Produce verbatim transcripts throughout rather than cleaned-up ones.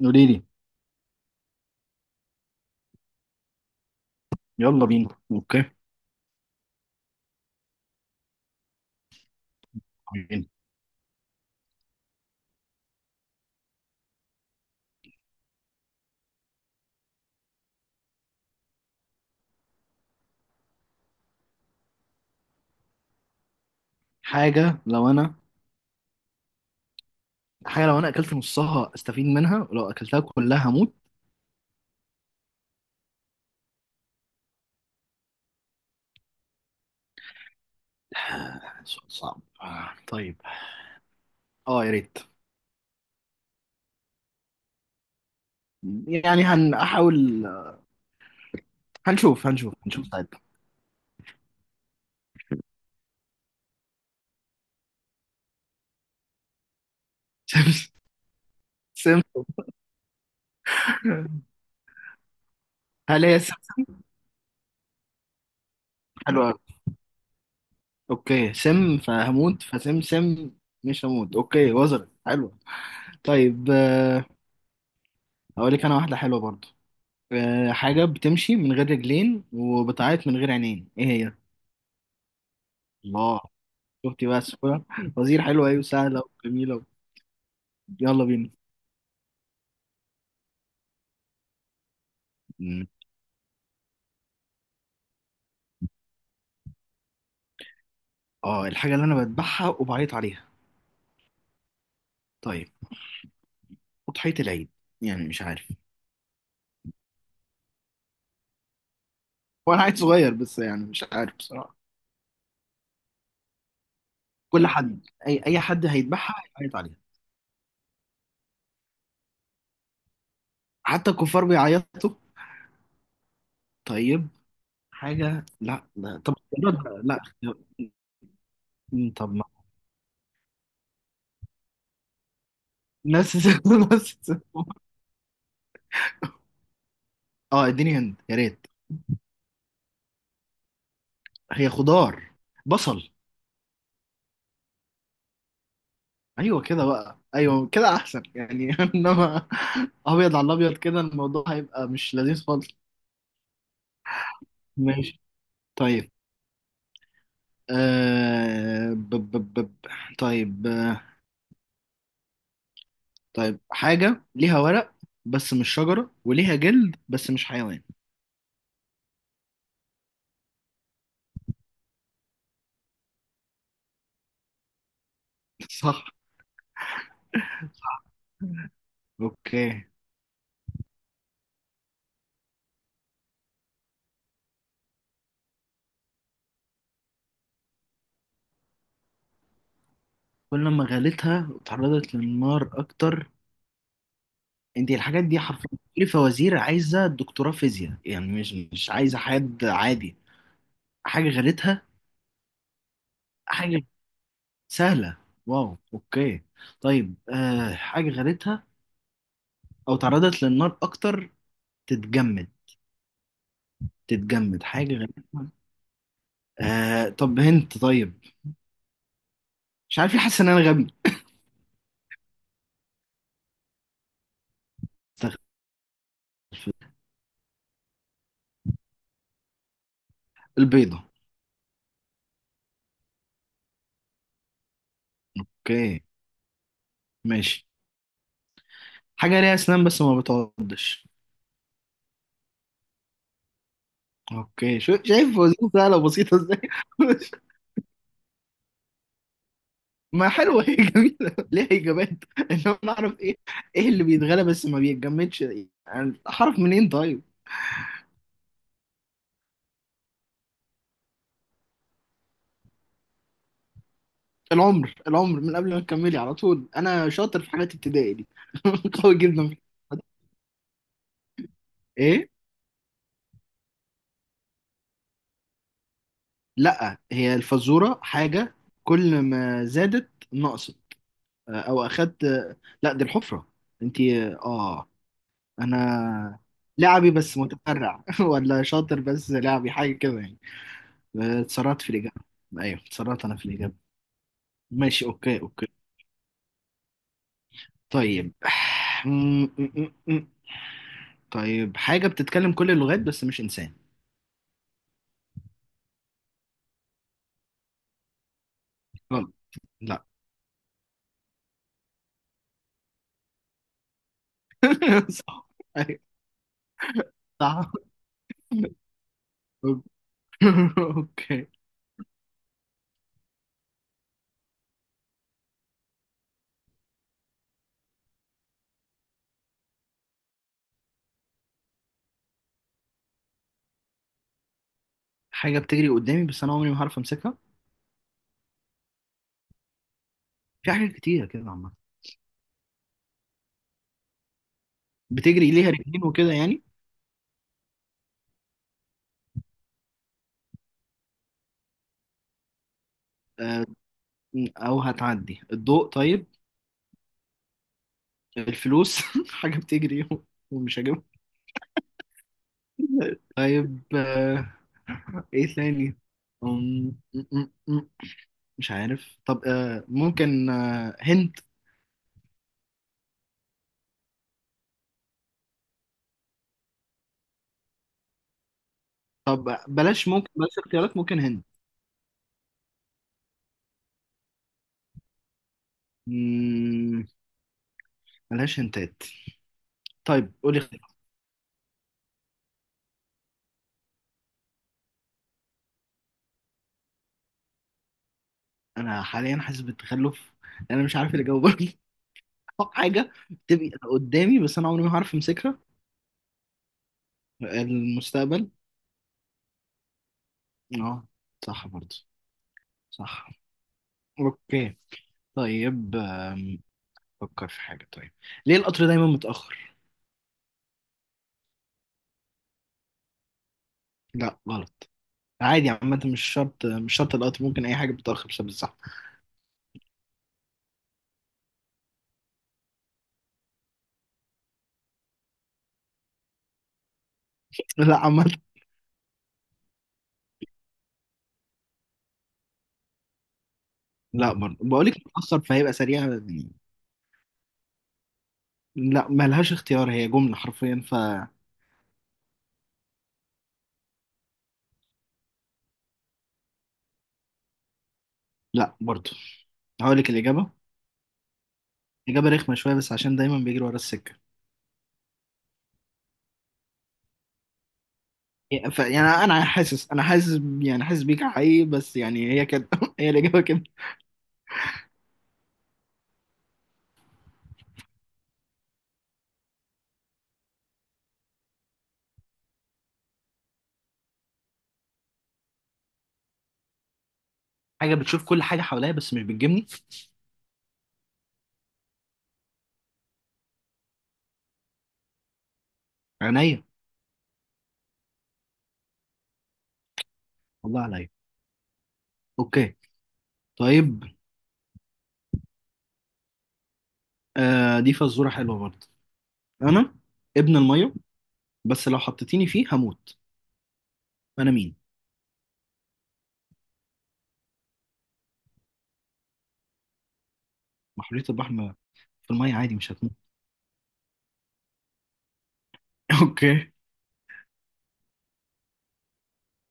قولي لي. يلا بينا، اوكي. بينا. حاجة لو انا حاجة لو انا اكلت نصها استفيد منها، ولو اكلتها كلها هموت. سؤال صعب، آه، طيب. اه، يا ريت. يعني هنحاول، هنشوف هنشوف هنشوف ساعتها. سم سم. هل هي سم؟ حلوة أوي. اوكي، سم فهموت، فسم سم مش هموت. اوكي، وزر حلوة. طيب، آه، اقول لك انا واحدة حلوة برضو. آه، حاجة بتمشي من غير رجلين وبتعيط من غير عينين، ايه هي؟ الله، شفتي بس. وزير حلوة، أيوة، سهلة وجميلة. يلا بينا. مم. اه، الحاجة اللي أنا بذبحها وبعيط عليها؟ طيب، أضحية العيد. يعني مش عارف. هو أنا عيل صغير بس، يعني مش عارف بصراحة. كل حد، أي أي حد هيذبحها هيعيط عليها. حتى الكفار بيعيطوا. طيب، حاجة. لا لا، طب اختيارات بقى. لا اختيار- مم، طب ما ناس ناس. اه، اديني هند يا ريت. هي خضار. بصل. ايوه كده بقى، ايوه كده احسن يعني. انما ابيض على الابيض كده، الموضوع هيبقى مش لذيذ خالص. ماشي. طيب آه... ب... ب... ب... ب- طيب آه... طيب، حاجة ليها ورق بس مش شجرة، وليها جلد بس مش حيوان. صح، اوكي. كل ما غليتها وتعرضت للنار اكتر. انت الحاجات دي حرفيا، كل فوازير عايزة دكتوراه فيزياء، يعني مش مش عايزة حد عادي. حاجة غليتها. حاجة سهلة. واو، اوكي. طيب آه حاجة غريتها او تعرضت للنار اكتر، تتجمد. تتجمد حاجة غريتها. آه طب هنت. طيب، مش عارف ليه حاسس ان انا غبي. استغفر الله. البيضة. اوكي، ماشي. حاجة ليها اسنان بس ما بتعضش. اوكي، شو شايف وظيفة سهلة وبسيطة ازاي. ما حلوة، هي جميلة، ليها اجابات، انما نعرف ايه؟ ايه اللي بيتغلى بس ما بيتجمدش يعني؟ اعرف منين؟ طيب، العمر. العمر، من قبل ما تكملي على طول انا شاطر في حاجات ابتدائي دي. قوي جدا في الحاجات. ايه؟ لا، هي الفزوره حاجه كل ما زادت نقصت او اخدت. لا دي الحفره. انت. اه. انا لعبي بس متفرع. ولا شاطر، بس لعبي حاجه كده يعني. اتسرعت في الاجابه. ايوه، اتسرعت انا في الاجابه. ماشي، اوكي اوكي. طيب. طيب، حاجه بتتكلم كل اللغات بس مش انسان. غلط، لا. صح. أيوة، صح. اوكي. حاجة بتجري قدامي بس انا عمري ما هعرف امسكها. في حاجات كتيرة كده عامة بتجري ليها رجلين وكده يعني. آه، او هتعدي الضوء؟ طيب، الفلوس. حاجة بتجري و- ومش هجيبها. طيب، آه، ايه تاني؟ أم، م- م- م- مش عارف. طب آه، ممكن، آه، هنت. طب بلاش، ممكن بلاش اختيارات، ممكن هنت. مم، بلاش هنتات. طيب، قولي. انا حاليا حاسس بالتخلف، انا مش عارف اللي جاوبني. حاجه بتبقى قدامي بس انا عمري ما هعرف امسكها. المستقبل. اه، صح برضه. صح، اوكي. طيب، أم، فكر في حاجه. طيب، ليه القطر دايما متاخر؟ لا غلط. عادي عامه، مش شرط، مش شرط القطر، ممكن اي حاجه بتتاخر بسبب الزحمه. لا عامه. لا برضه بقول لك متاخر فهيبقى سريع يعني. لا ملهاش اختيار، هي جمله حرفيا. ف لا برضه. هقول لك الاجابه. إجابة رخمة شوية، بس عشان دايما بيجري ورا السكة. ف- يعني أنا حاسس أنا حاسس يعني حاسس بيك حقيقي، بس يعني هي كده. هي الإجابة كده. حاجة بتشوف كل حاجة حواليها بس مش بتجيبني. عينيا، والله عليا. أوكي، طيب. آه، دي فزورة حلوة برضه. أنا ابن المية، بس لو حطيتيني فيه هموت. أنا مين؟ محرية البحر ما- في المية عادي مش هتموت. أوكي.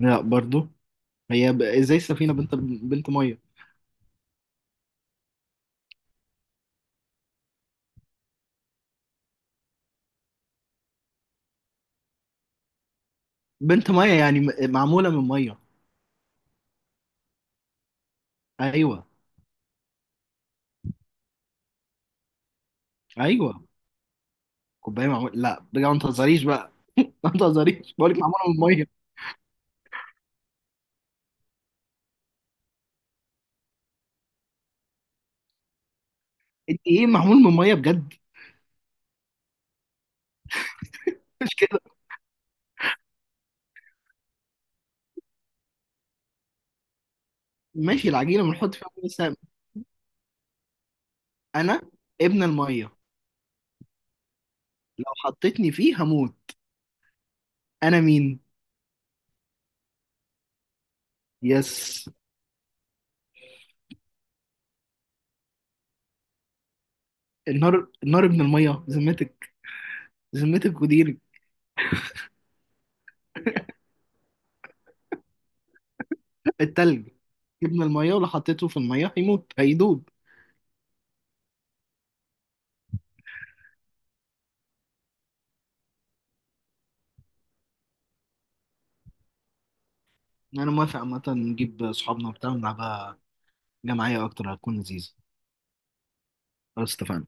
لا برضه. هي ب... إزاي السفينة بنت بنت مية؟ بنت مية يعني م- معمولة من مية. أيوه. أيوه كوبايه معمول، لا بجد ما تهزريش بقى. ما تهزريش، بقول لك معموله من ميه. انت ايه معمول من ميه بجد؟ مش كده. ماشي، العجينه بنحط فيها ميه بس. انا ابن الميه، لو حطيتني فيه هموت، انا مين؟ يس. النار. النار ابن الميه؟ ذمتك، ذمتك وديرك. التلج، ابن الميه ولو حطيته في الميه هيموت، هيدوب. انا موافق عامه، نجيب صحابنا وبتاع ونلعبها جماعيه اكتر، هتكون لذيذه. خلاص، اتفقنا.